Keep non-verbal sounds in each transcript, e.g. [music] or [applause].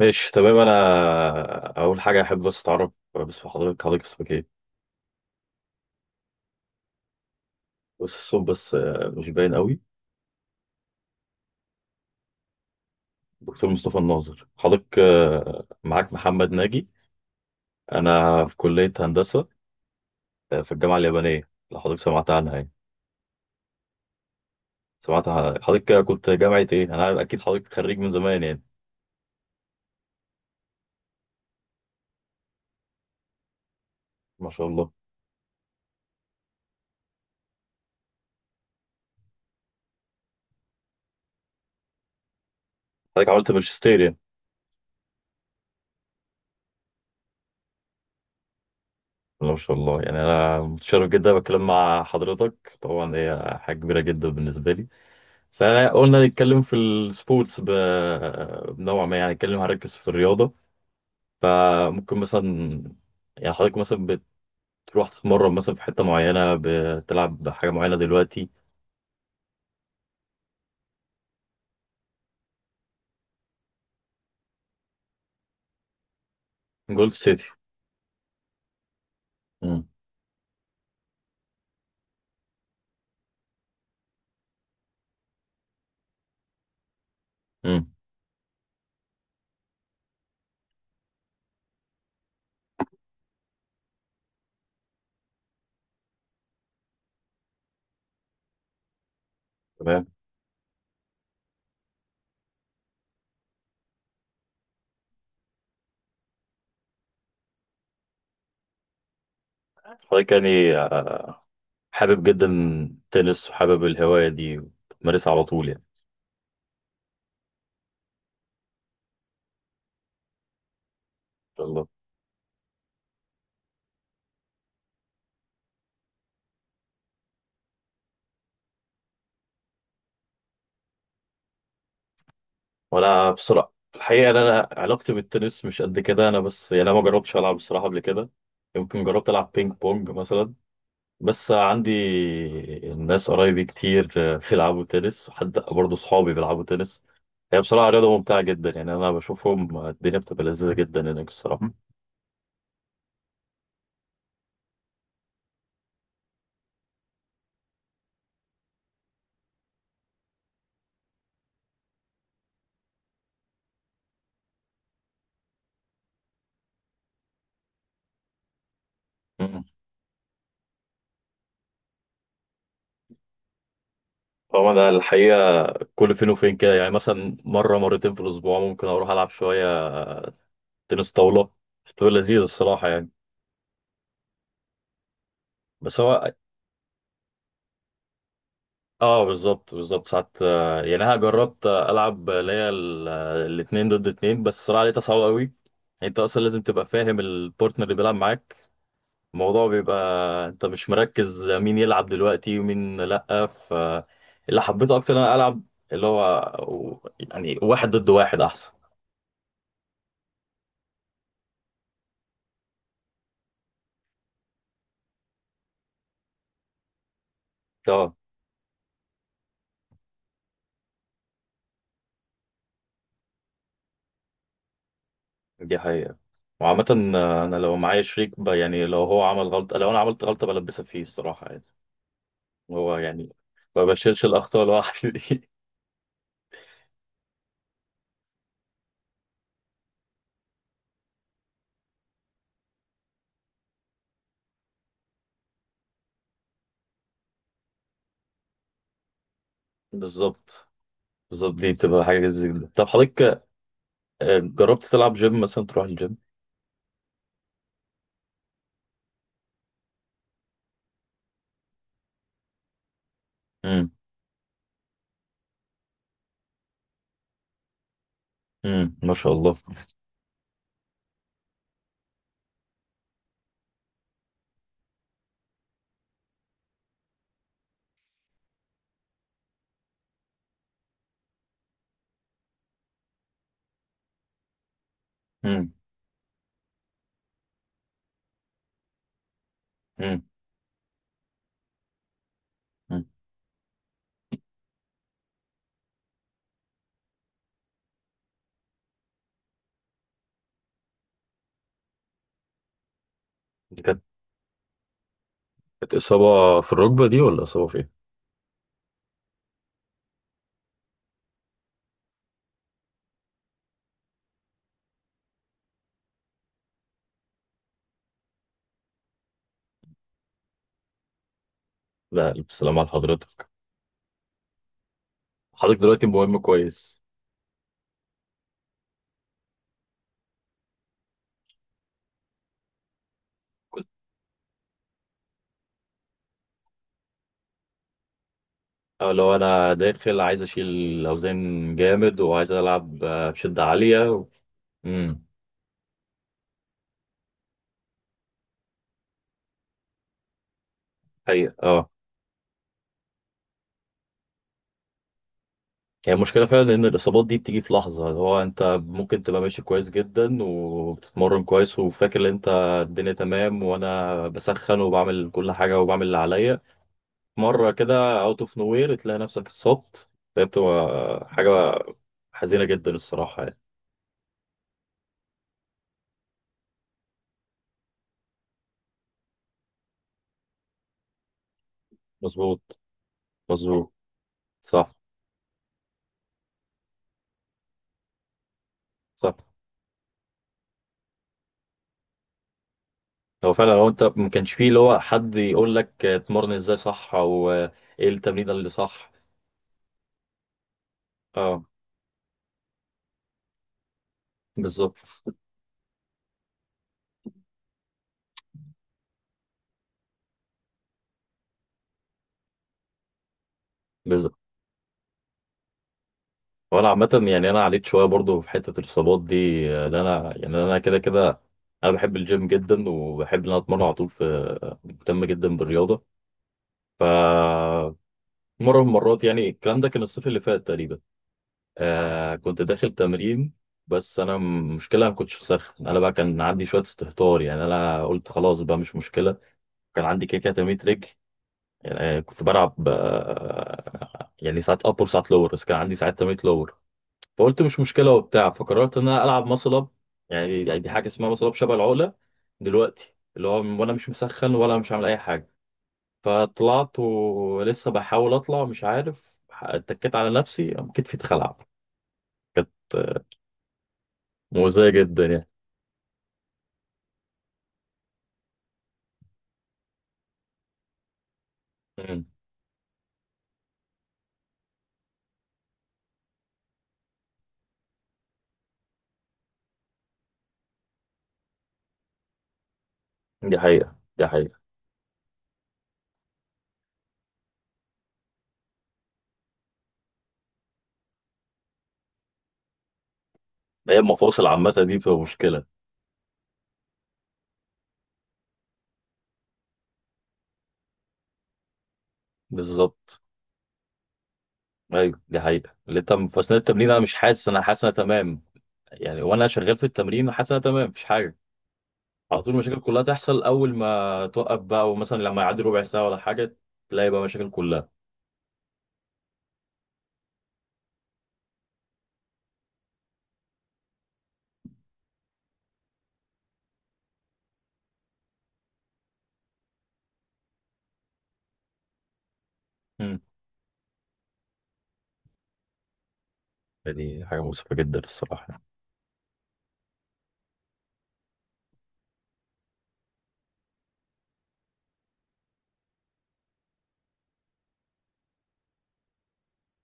ماشي، تمام. انا اول حاجه احب بس اتعرف. بس في حضرتك اسمك ايه؟ بس الصوت، بس مش باين قوي. دكتور مصطفى الناظر، حضرتك معاك محمد ناجي، انا في كليه هندسه، في الجامعه اليابانيه، لو حضرتك سمعت عنها يعني. حضرتك كنت جامعه ايه؟ انا عارف اكيد حضرتك خريج من زمان يعني. ما شاء الله. حضرتك عملت ماجستير يعني؟ ما شاء الله، يعني انا متشرف جدا بتكلم مع حضرتك، طبعا هي حاجه كبيره جدا بالنسبه لي. بس احنا قلنا نتكلم في السبورتس، بنوع ما يعني، نتكلم هنركز في الرياضة. فممكن مثلا يعني حضرتك مثلا بتروح تتمرن مثلا في حتة معينة، بتلعب حاجة معينة دلوقتي؟ جولف سيتي. امم. امم. تمام. حضرتك يعني حابب جدا التنس، وحابب الهواية دي وتمارسها على طول يعني. ان شاء الله. وانا بصراحة الحقيقة إن انا علاقتي بالتنس مش قد كده، انا بس يعني انا ما جربتش العب بصراحة قبل كده. يمكن جربت العب بينج بونج مثلا، بس عندي ناس قرايبي كتير بيلعبوا تنس، وحتى برضه صحابي بيلعبوا تنس. هي بصراحة رياضة ممتعة جدا يعني، أنا بشوفهم الدنيا بتبقى لذيذة جدا هناك الصراحة. مم. هو أنا الحقيقة كل فين وفين كده يعني، مثلا مرة مرتين في الأسبوع ممكن أروح ألعب شوية تنس طاولة. بتبقى لذيذة الصراحة يعني. بس هو. اه، بالظبط بالظبط. ساعات يعني أنا جربت ألعب اللي هي الاتنين ضد اتنين، بس الصراحة لقيتها صعبة قوي. انت اصلا لازم تبقى فاهم البارتنر اللي بيلعب معاك، الموضوع بيبقى انت مش مركز مين يلعب دلوقتي ومين لأ. فاللي حبيته اكتر انا العب اللي هو يعني واحد ضد واحد احسن. اه دي حقيقة. وعامة انا لو معايا شريك، يعني لو هو عمل غلطة، لو انا عملت غلطة، بلبسها فيه الصراحة يعني. هو يعني ما بشيلش الاخطاء لوحدي دي. [laughs] بالظبط بالظبط. دي بتبقى حاجة زي كده. طب حضرتك جربت تلعب جيم مثلا، تروح الجيم؟ امم. امم. ما شاء الله. امم. امم. كانت إصابة في الركبة دي ولا إصابة فين؟ لا ألف سلام على حضرتك. حضرتك دلوقتي مهم كويس. كنت، أو لو أنا داخل عايز أشيل أوزان جامد وعايز ألعب بشدة عالية و... امم. حقيقة أه. هي المشكلة فعلا إن الإصابات دي بتيجي في لحظة، اللي هو أنت ممكن تبقى ماشي كويس جدا، وبتتمرن كويس، وفاكر إن أنت الدنيا تمام، وأنا بسخن وبعمل كل حاجة وبعمل اللي عليا. مرة كده أوت أوف نوير تلاقي نفسك اتصبت. فهي بتبقى حاجة حزينة جدا الصراحة يعني. مظبوط. مظبوط، صح. صح. هو فعلا، هو انت ما كانش فيه اللي هو حد يقول لك اتمرن ازاي صح، او ايه التمرين اللي صح. اه بالظبط بالظبط. وانا عامه يعني انا عليت شويه برضو في حته الاصابات دي، لأن انا يعني انا كده كده انا بحب الجيم جدا، وبحب ان انا اتمرن على طول، في، مهتم جدا بالرياضه. ف، مره من المرات يعني الكلام ده كان الصيف اللي فات تقريبا، آه كنت داخل تمرين، بس انا مشكله ما كنتش مسخن، انا بقى كان عندي شويه استهتار يعني، انا قلت خلاص بقى مش مشكله. كان عندي كده كده تمرين رجل، يعني كنت بلعب يعني ساعات ابر وساعات لور، بس كان عندي ساعات تمرين لور. فقلت مش مشكله وبتاع، فقررت ان انا العب ماسل اب، يعني دي حاجه اسمها ماسل اب شبه العقله دلوقتي، اللي هو وانا مش مسخن ولا مش عامل اي حاجه، فطلعت ولسه بحاول اطلع، مش عارف اتكيت على نفسي، قام كتفي اتخلع. مؤذية جدا يعني. مم. دي حقيقة دي حقيقة. هي المفاصل عامة دي بتبقى مشكلة. بالظبط. أيوة دي حقيقة، اللي تم في أثناء التمرين أنا مش حاسس، أنا حاسس أنا تمام يعني، وأنا شغال في التمرين حاسس أنا تمام مفيش حاجة. على طول المشاكل كلها تحصل أول ما توقف بقى، ومثلا لما يعدي ربع ساعة ولا حاجة تلاقي بقى مشاكل كلها. مم. دي حاجة مؤسفة جدا الصراحة.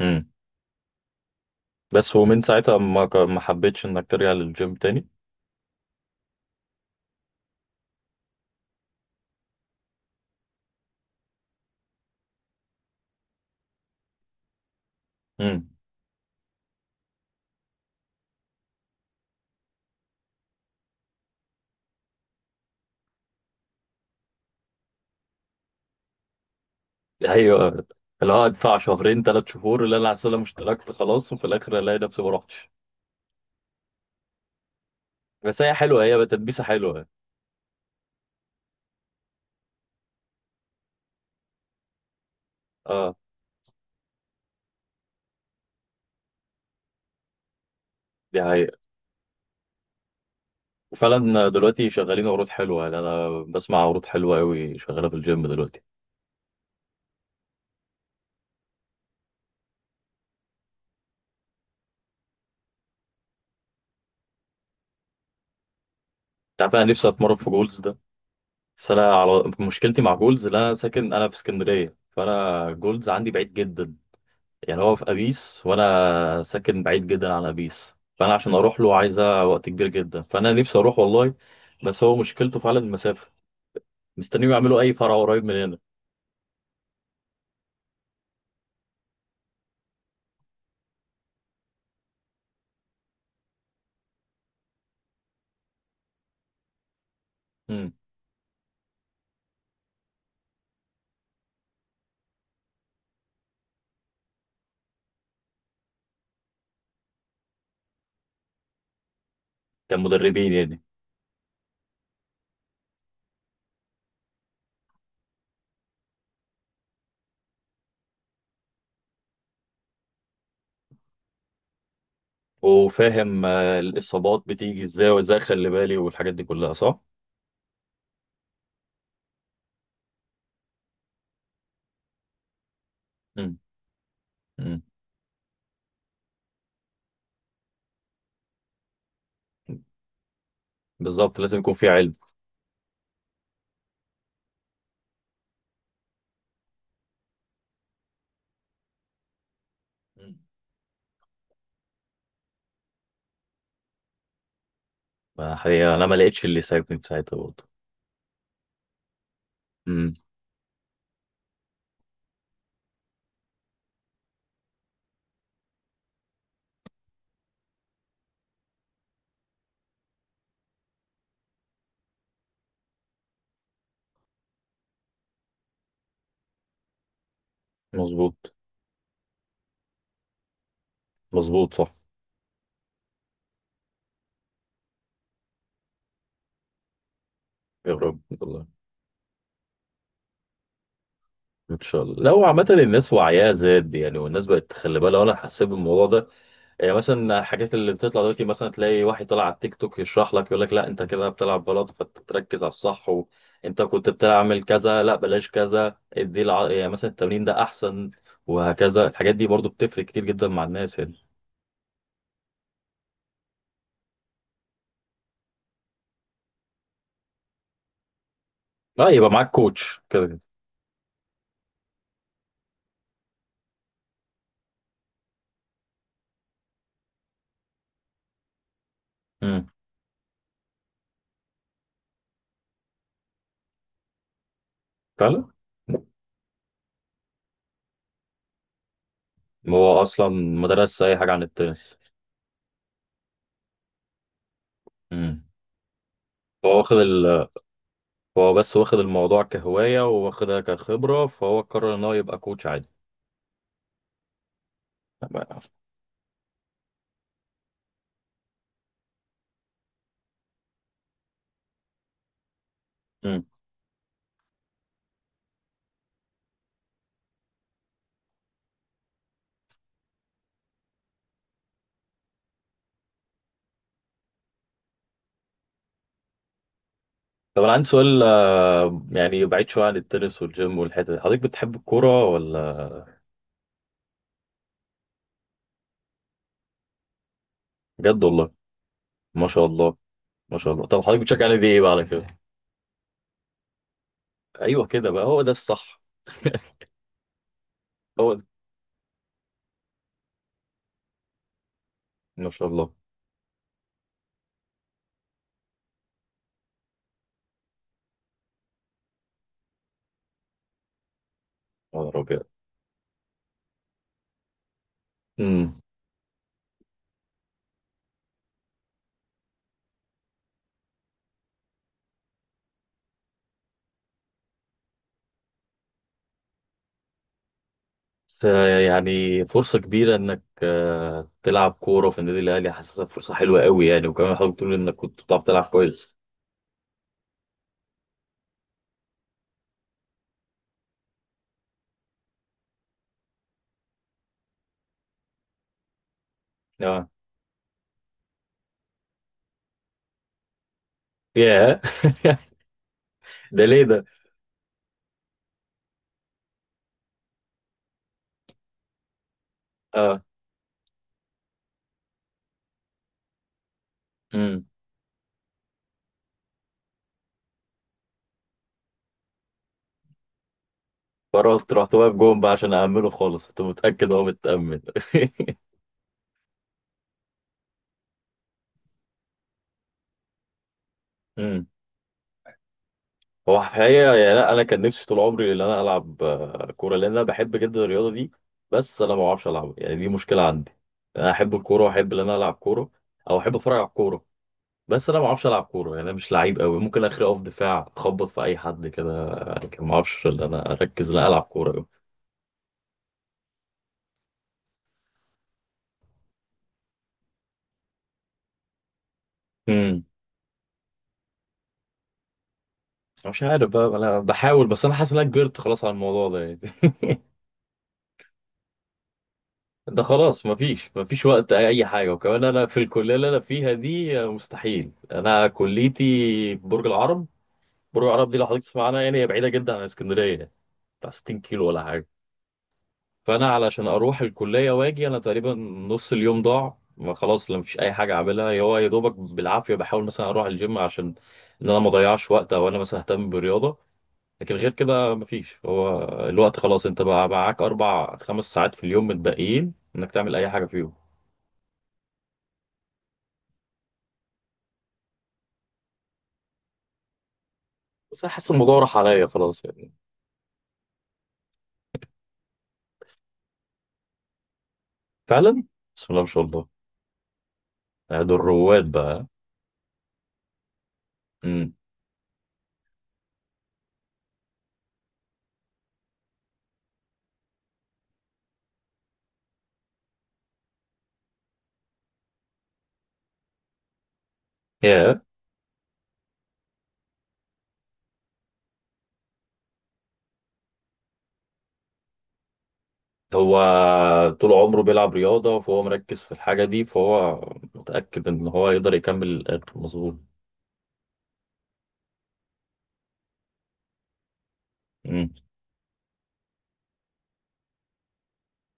مم. بس ومن ساعتها ما حبيتش إنك ترجع للجيم تاني. مم. ايوه، اللي هو ادفع شهرين ثلاث شهور اللي انا على مش اشتركت خلاص، وفي الاخر الاقي نفسي ما رحتش. بس هي حلوه، هي تدبيسه حلوه. اه دي حقيقة. وفعلا دلوقتي شغالين عروض حلوه، يعني انا بسمع عروض حلوه قوي شغاله في الجيم دلوقتي. انت عارف انا نفسي اتمرن في جولز ده، بس انا على مشكلتي مع جولز اللي انا ساكن، انا في اسكندريه، فانا جولز عندي بعيد جدا يعني، هو في ابيس، وانا ساكن بعيد جدا عن ابيس، فانا عشان اروح له عايزه وقت كبير جدا، فانا نفسي اروح والله، بس هو مشكلته فعلا المسافه. مستنيهم يعملوا اي فرع قريب من هنا. امم. كمدربين يعني. وفاهم الاصابات بتيجي ازاي، وازاي اخلي بالي، والحاجات دي كلها صح. امم. امم. بالظبط، لازم يكون في علم. مم. فحقيقة انا ما لقيتش اللي يساعدني في ساعتها برضه. امم. مظبوط. مظبوط، صح. يا رب والله. ان شاء الله، لو عامة الناس وعيها زاد يعني، والناس بقت تخلي بالها، وانا حسيت بالموضوع ده، يعني مثلا الحاجات اللي بتطلع دلوقتي، مثلا تلاقي واحد طلع على التيك توك يشرح لك، يقول لك لا انت كده بتلعب بلاط، فتركز على الصح، وانت كنت بتعمل كذا لا بلاش كذا، يعني مثلا التمرين ده احسن، وهكذا. الحاجات دي برضو بتفرق كتير جدا مع الناس يعني. لا يبقى معاك كوتش كده كده. امم. فعلا. هو اصلا ما درسش اي حاجه عن التنس. امم. هو واخد هو بس واخد الموضوع كهوايه، واخدها كخبره، فهو قرر ان هو يبقى كوتش عادي. امم. طب انا عندي سؤال، يعني بعيد شوية عن التنس والجيم والحتة دي، حضرتك بتحب الكورة ولا؟ بجد والله؟ ما شاء الله. ما شاء الله. طب حضرتك بتشجع نادي ايه بقى على كده؟ ايوه كده بقى، هو ده الصح. [laughs] هو ده. ما شاء الله. يا نهار أبيض. امم. بس يعني فرصة كبيرة انك تلعب كورة في النادي الاهلي، حاسسها فرصة حلوة قوي يعني، وكمان حضرتك بتقول انك كنت بتعرف تلعب كويس. اه. ياه. [laughs] ده ليه ده؟ اه. امم. فرحت رحت واقف جون بقى عشان أأمنه خالص، كنت متأكد هو متأمن. [laughs] امم. هو الحقيقة يعني، لا أنا كان نفسي طول عمري إن أنا ألعب كورة، لأن أنا بحب جدا الرياضة دي، بس أنا ما بعرفش ألعبها يعني، دي مشكلة عندي. أنا أحب الكورة وأحب إن أنا ألعب كورة، أو أحب أتفرج على الكورة، بس أنا ما بعرفش ألعب كورة يعني، أنا مش لعيب أوي، ممكن آخري أقف دفاع أخبط في أي حد كده، لكن ما بعرفش إن أنا أركز إن أنا ألعب كورة أوي. امم. مش عارف بقى، أنا بحاول، بس أنا حاسس إن أنا كبرت خلاص على الموضوع ده يعني. [laughs] ده خلاص مفيش وقت اي حاجه، وكمان انا في الكليه اللي انا فيها دي مستحيل، انا كليتي برج العرب، برج العرب دي لو حضرتك تسمع عنها يعني، هي بعيده جدا عن اسكندريه يعني، بتاع 60 كيلو ولا حاجه، فانا علشان اروح الكليه واجي انا تقريبا نص اليوم ضاع. ما خلاص، لا مفيش اي حاجه اعملها، هو يا دوبك بالعافيه بحاول مثلا اروح الجيم عشان ان انا ما اضيعش وقت، او انا مثلا اهتم بالرياضه، لكن غير كده مفيش. هو الوقت خلاص، انت بقى معاك اربع خمس ساعات في اليوم متبقيين انك تعمل اي حاجه فيهم. بس أنا حاسس الموضوع راح عليا خلاص يعني. فعلا. بسم الله ما شاء الله. دول رواد بقى. امم. يا. هو طول عمره بيلعب رياضة فهو مركز في الحاجة دي، فهو متأكد إن هو يقدر يكمل للآخر، مظبوط. امم.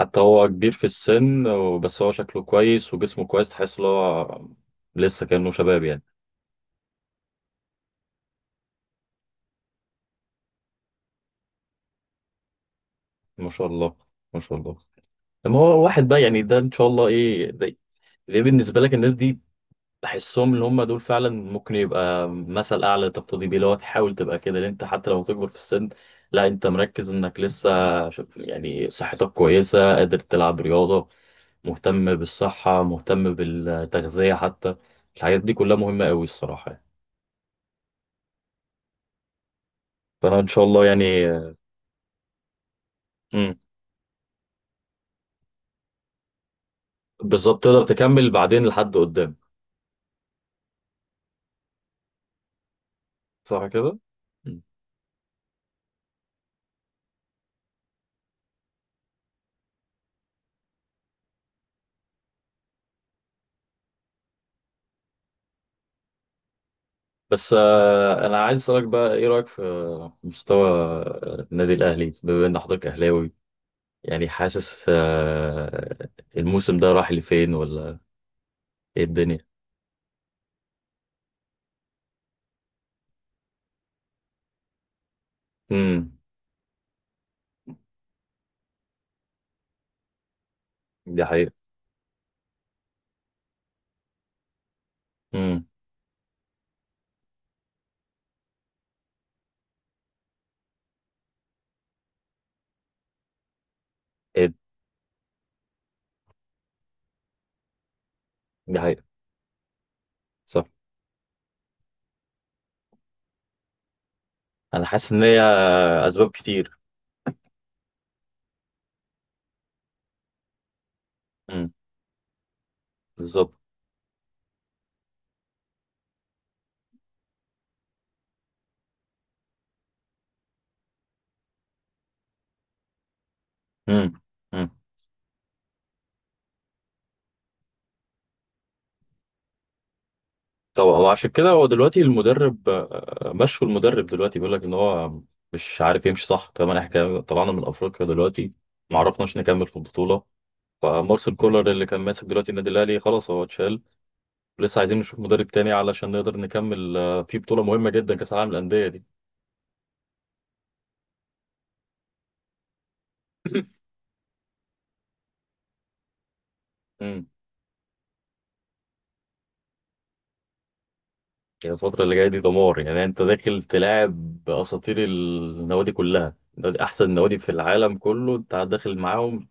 حتى هو كبير في السن، بس هو شكله كويس وجسمه كويس، تحس إن هو لسه كأنه شباب يعني. ما شاء الله. ما شاء الله. لما هو واحد بقى يعني ده إن شاء الله، إيه ده, ده بالنسبة لك الناس دي، بحسهم اللي هم دول فعلا ممكن يبقى مثل اعلى تقتدي بيه، لو تحاول تبقى كده لان انت حتى لو تكبر في السن، لا انت مركز انك لسه، يعني صحتك كويسه قادر تلعب رياضه، مهتم بالصحه مهتم بالتغذيه، حتى الحاجات دي كلها مهمه قوي الصراحه يعني. فانا ان شاء الله يعني. مم. بالظبط، تقدر تكمل بعدين لحد قدام. صح كده. مم. بس انا عايز اسالك بقى، ايه رايك في مستوى النادي الاهلي بما ان حضرتك اهلاوي؟ يعني حاسس الموسم ده راح لفين، ولا ايه الدنيا؟ امم. دي حقيقة. امم. ايه. دي حقيقة. صح. انا حاسس ان هي اسباب كتير. امم. بالظبط. امم. امم. طب هو عشان كده هو دلوقتي المدرب مشوا المدرب دلوقتي، بيقول لك ان هو مش عارف يمشي صح. طبعا احنا طلعنا من افريقيا دلوقتي، ما عرفناش نكمل في البطولة، فمارسيل كولر اللي كان ماسك دلوقتي النادي الاهلي خلاص هو اتشال. لسه عايزين نشوف مدرب تاني علشان نقدر نكمل في بطولة مهمة جدا كأس العالم للأندية دي. امم. يعني الفترة اللي جاية دي دمار يعني، انت داخل تلاعب أساطير، النوادي كلها، أحسن نوادي في العالم كله انت داخل معاهم،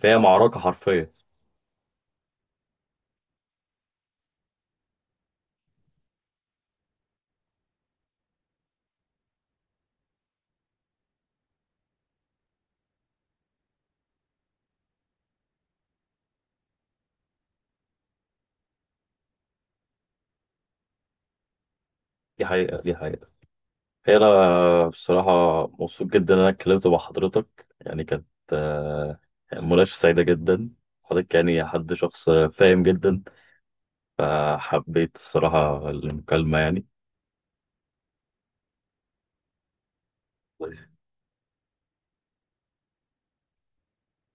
فهي معركة حرفية. دي حقيقة دي حقيقة. هي أنا بصراحة مبسوط جدا إن أنا اتكلمت مع حضرتك يعني، كانت آه، مناقشة سعيدة جدا. حضرتك يعني حد شخص فاهم جدا. فحبيت الصراحة المكالمة يعني.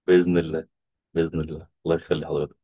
بإذن الله. بإذن الله، الله يخلي حضرتك.